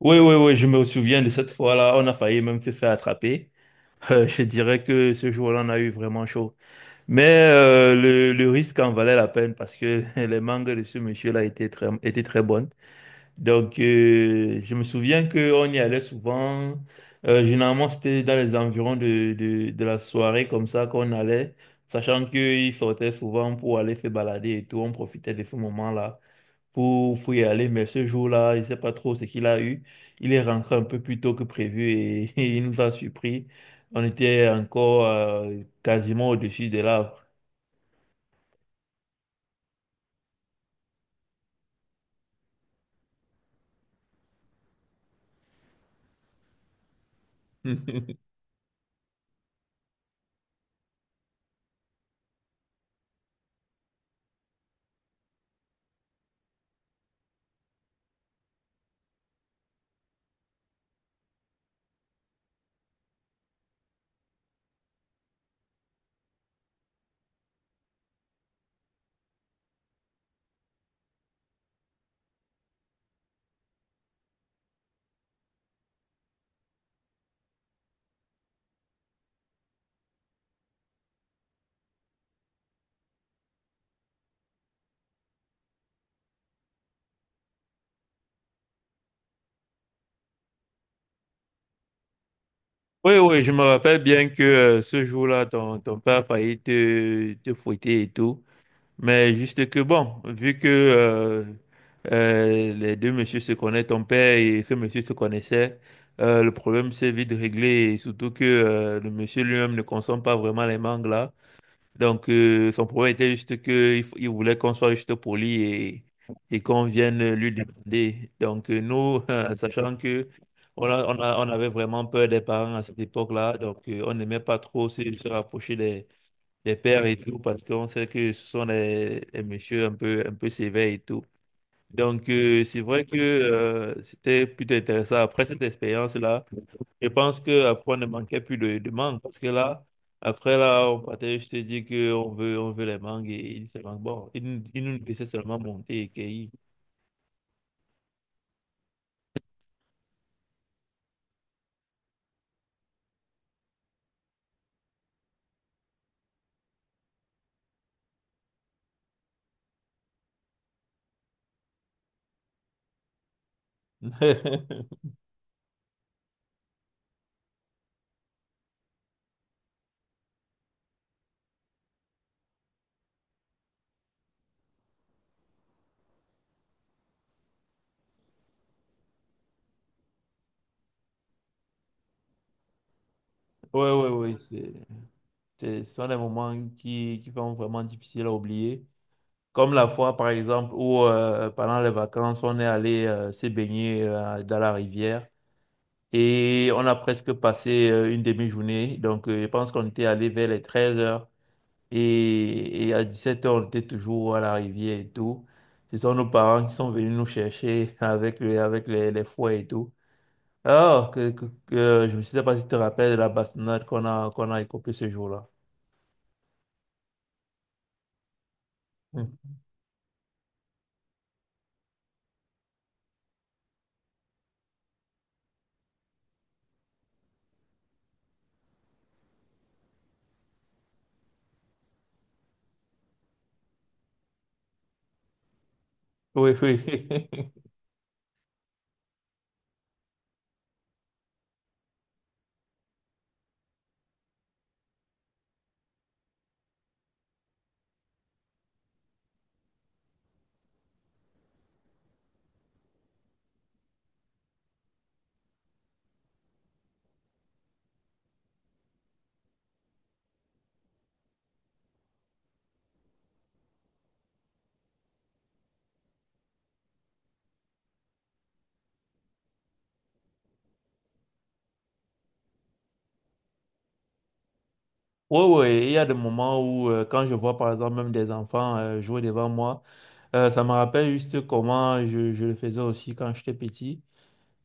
Oui, oui, oui, je me souviens de cette fois-là. On a failli même se faire attraper. Je dirais que ce jour-là, on a eu vraiment chaud. Mais le, risque en valait la peine parce que les mangues de ce monsieur-là étaient étaient très bonnes. Donc, je me souviens qu'on y allait souvent. Généralement, c'était dans les environs de la soirée comme ça qu'on allait, sachant qu'il sortait souvent pour aller se balader et tout. On profitait de ce moment-là pour y aller, mais ce jour-là, je ne sais pas trop ce qu'il a eu. Il est rentré un peu plus tôt que prévu et il nous a surpris. On était encore quasiment au-dessus des arbres. Oui, oui, je me rappelle bien que ce jour-là, ton père a failli te fouetter et tout. Mais juste que bon, vu que les deux messieurs se connaissent, ton père et ce monsieur se connaissaient, le problème s'est vite réglé. Et surtout que le monsieur lui-même ne consomme pas vraiment les mangues là. Donc, son problème était juste qu'il il voulait qu'on soit juste poli et qu'on vienne lui demander. Donc, nous, en sachant que on avait vraiment peur des parents à cette époque-là, donc on n'aimait pas trop se rapprocher des pères et tout, parce qu'on sait que ce sont des messieurs un peu sévères et tout. Donc, c'est vrai que c'était plutôt intéressant. Après cette expérience-là, je pense que après, on ne manquait plus de mangue parce que là, après là, on partait, je te dis qu'on veut, on veut les mangues et ils se manquent. Bon, ils nous laissaient seulement monter et cueillir. Ouais, ouais, ouais, ce sont des moments qui sont vraiment difficiles à oublier. Comme la fois, par exemple, où pendant les vacances, on est allé se baigner dans la rivière et on a presque passé une demi-journée. Donc, je pense qu'on était allé vers les 13 heures. Et à 17 h on était toujours à la rivière et tout. Ce sont nos parents qui sont venus nous chercher avec les fouets et tout. Alors, je ne sais pas si tu te rappelles de la bastonnade qu'on a écopée ce jour-là. Hmm. Oui, oui. Oui, oui. Il y a des moments où, quand je vois par exemple même des enfants jouer devant moi, ça me rappelle juste comment je le faisais aussi quand j'étais petit.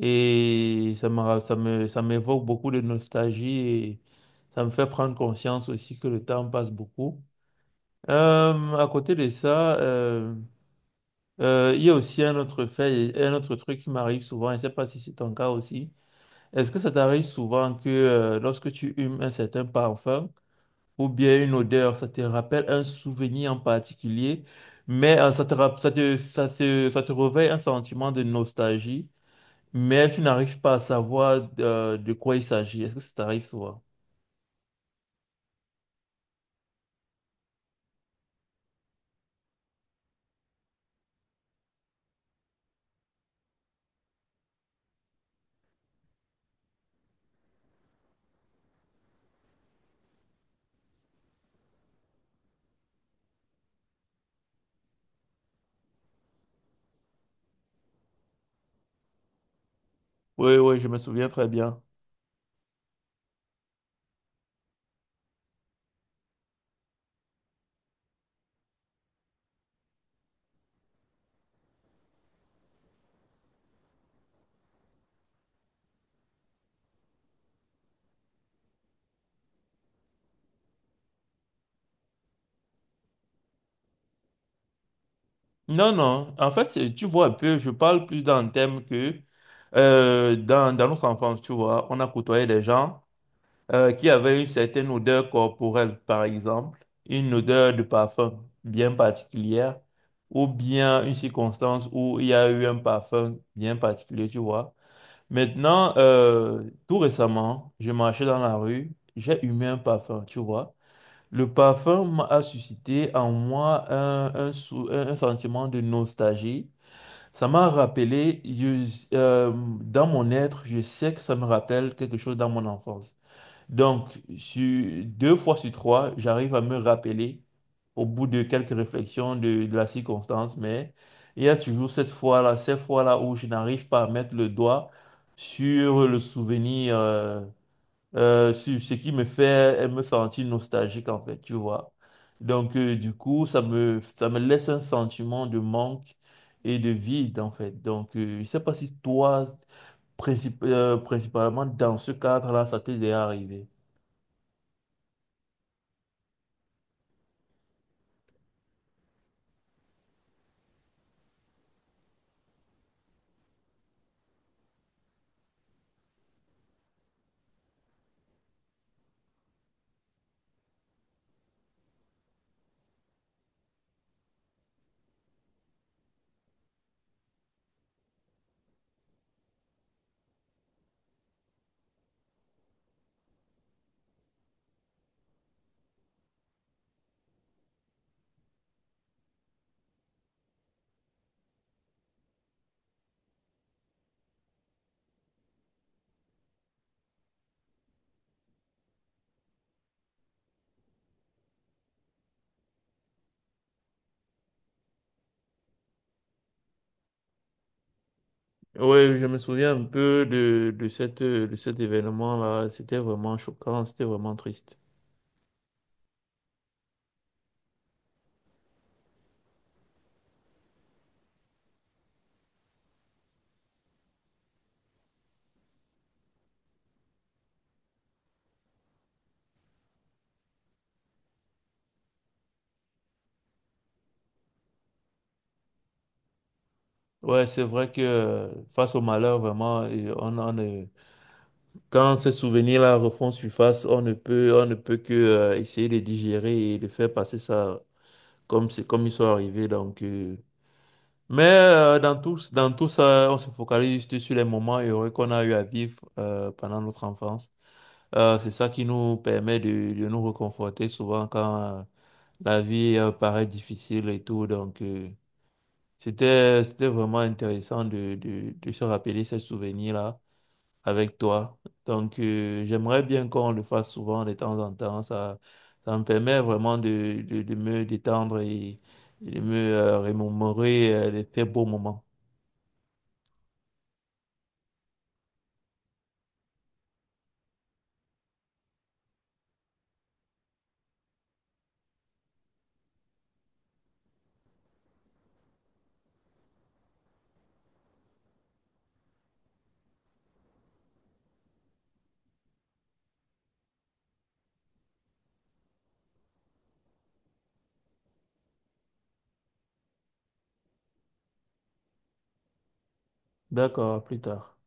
Et ça me, ra- ça me, ça m'évoque beaucoup de nostalgie et ça me fait prendre conscience aussi que le temps passe beaucoup. À côté de ça, il y a aussi un autre fait et un autre truc qui m'arrive souvent, et je ne sais pas si c'est ton cas aussi. Est-ce que ça t'arrive souvent que lorsque tu humes un certain parfum ou bien une odeur, ça te rappelle un souvenir en particulier, mais ça te, rap- ça te, ça se- ça te réveille un sentiment de nostalgie? Mais tu n'arrives pas à savoir quoi il s'agit. Est-ce que ça t'arrive souvent? Oui, oui, je me souviens très bien. Non, non. En fait, c'est- tu vois un peu, je parle plus dans le thème que dans notre enfance, tu vois, on a côtoyé des gens qui avaient une certaine odeur corporelle, par exemple, une odeur de parfum bien particulière, ou bien une circonstance où il y a eu un parfum bien particulier, tu vois. Maintenant, tout récemment, je marchais dans la rue, j'ai humé un parfum, tu vois. Le a suscité en moi un sentiment de nostalgie. Ça m'a rappelé, dans mon être, je sais que ça me rappelle quelque chose dans mon enfance. Donc, deux fois sur trois, j'arrive à me rappeler au bout de quelques réflexions de la circonstance, mais il y a toujours cette fois-là où je n'arrive pas à mettre le doigt sur le souvenir, sur ce qui me fait me sentir nostalgique, en fait, tu vois. Donc, du coup, ça me laisse un sentiment de manque et de vide, en fait. Donc, je ne sais pas si toi, principalement dans ce cadre-là, ça t'est déjà arrivé. Oui, je me souviens un peu de cette, de cet événement-là. C'était vraiment choquant, c'était vraiment triste. Ouais, c'est vrai que face au malheur, vraiment, et on ne- quand ces souvenirs-là refont surface, on ne peut que essayer de digérer et de faire passer ça comme c'est comme ils sont arrivés. Mais dans tout ça, on se focalise juste sur les moments heureux qu'on a eu à vivre pendant notre enfance. C'est ça qui nous permet de nous réconforter souvent quand la vie paraît difficile et tout. Donc, c'était, c'était vraiment intéressant de se rappeler ces souvenirs-là avec toi. Donc, j'aimerais bien qu'on le fasse souvent de temps en temps. Ça me permet vraiment de me détendre et de me remémorer les très beaux moments. D'accord, à plus tard.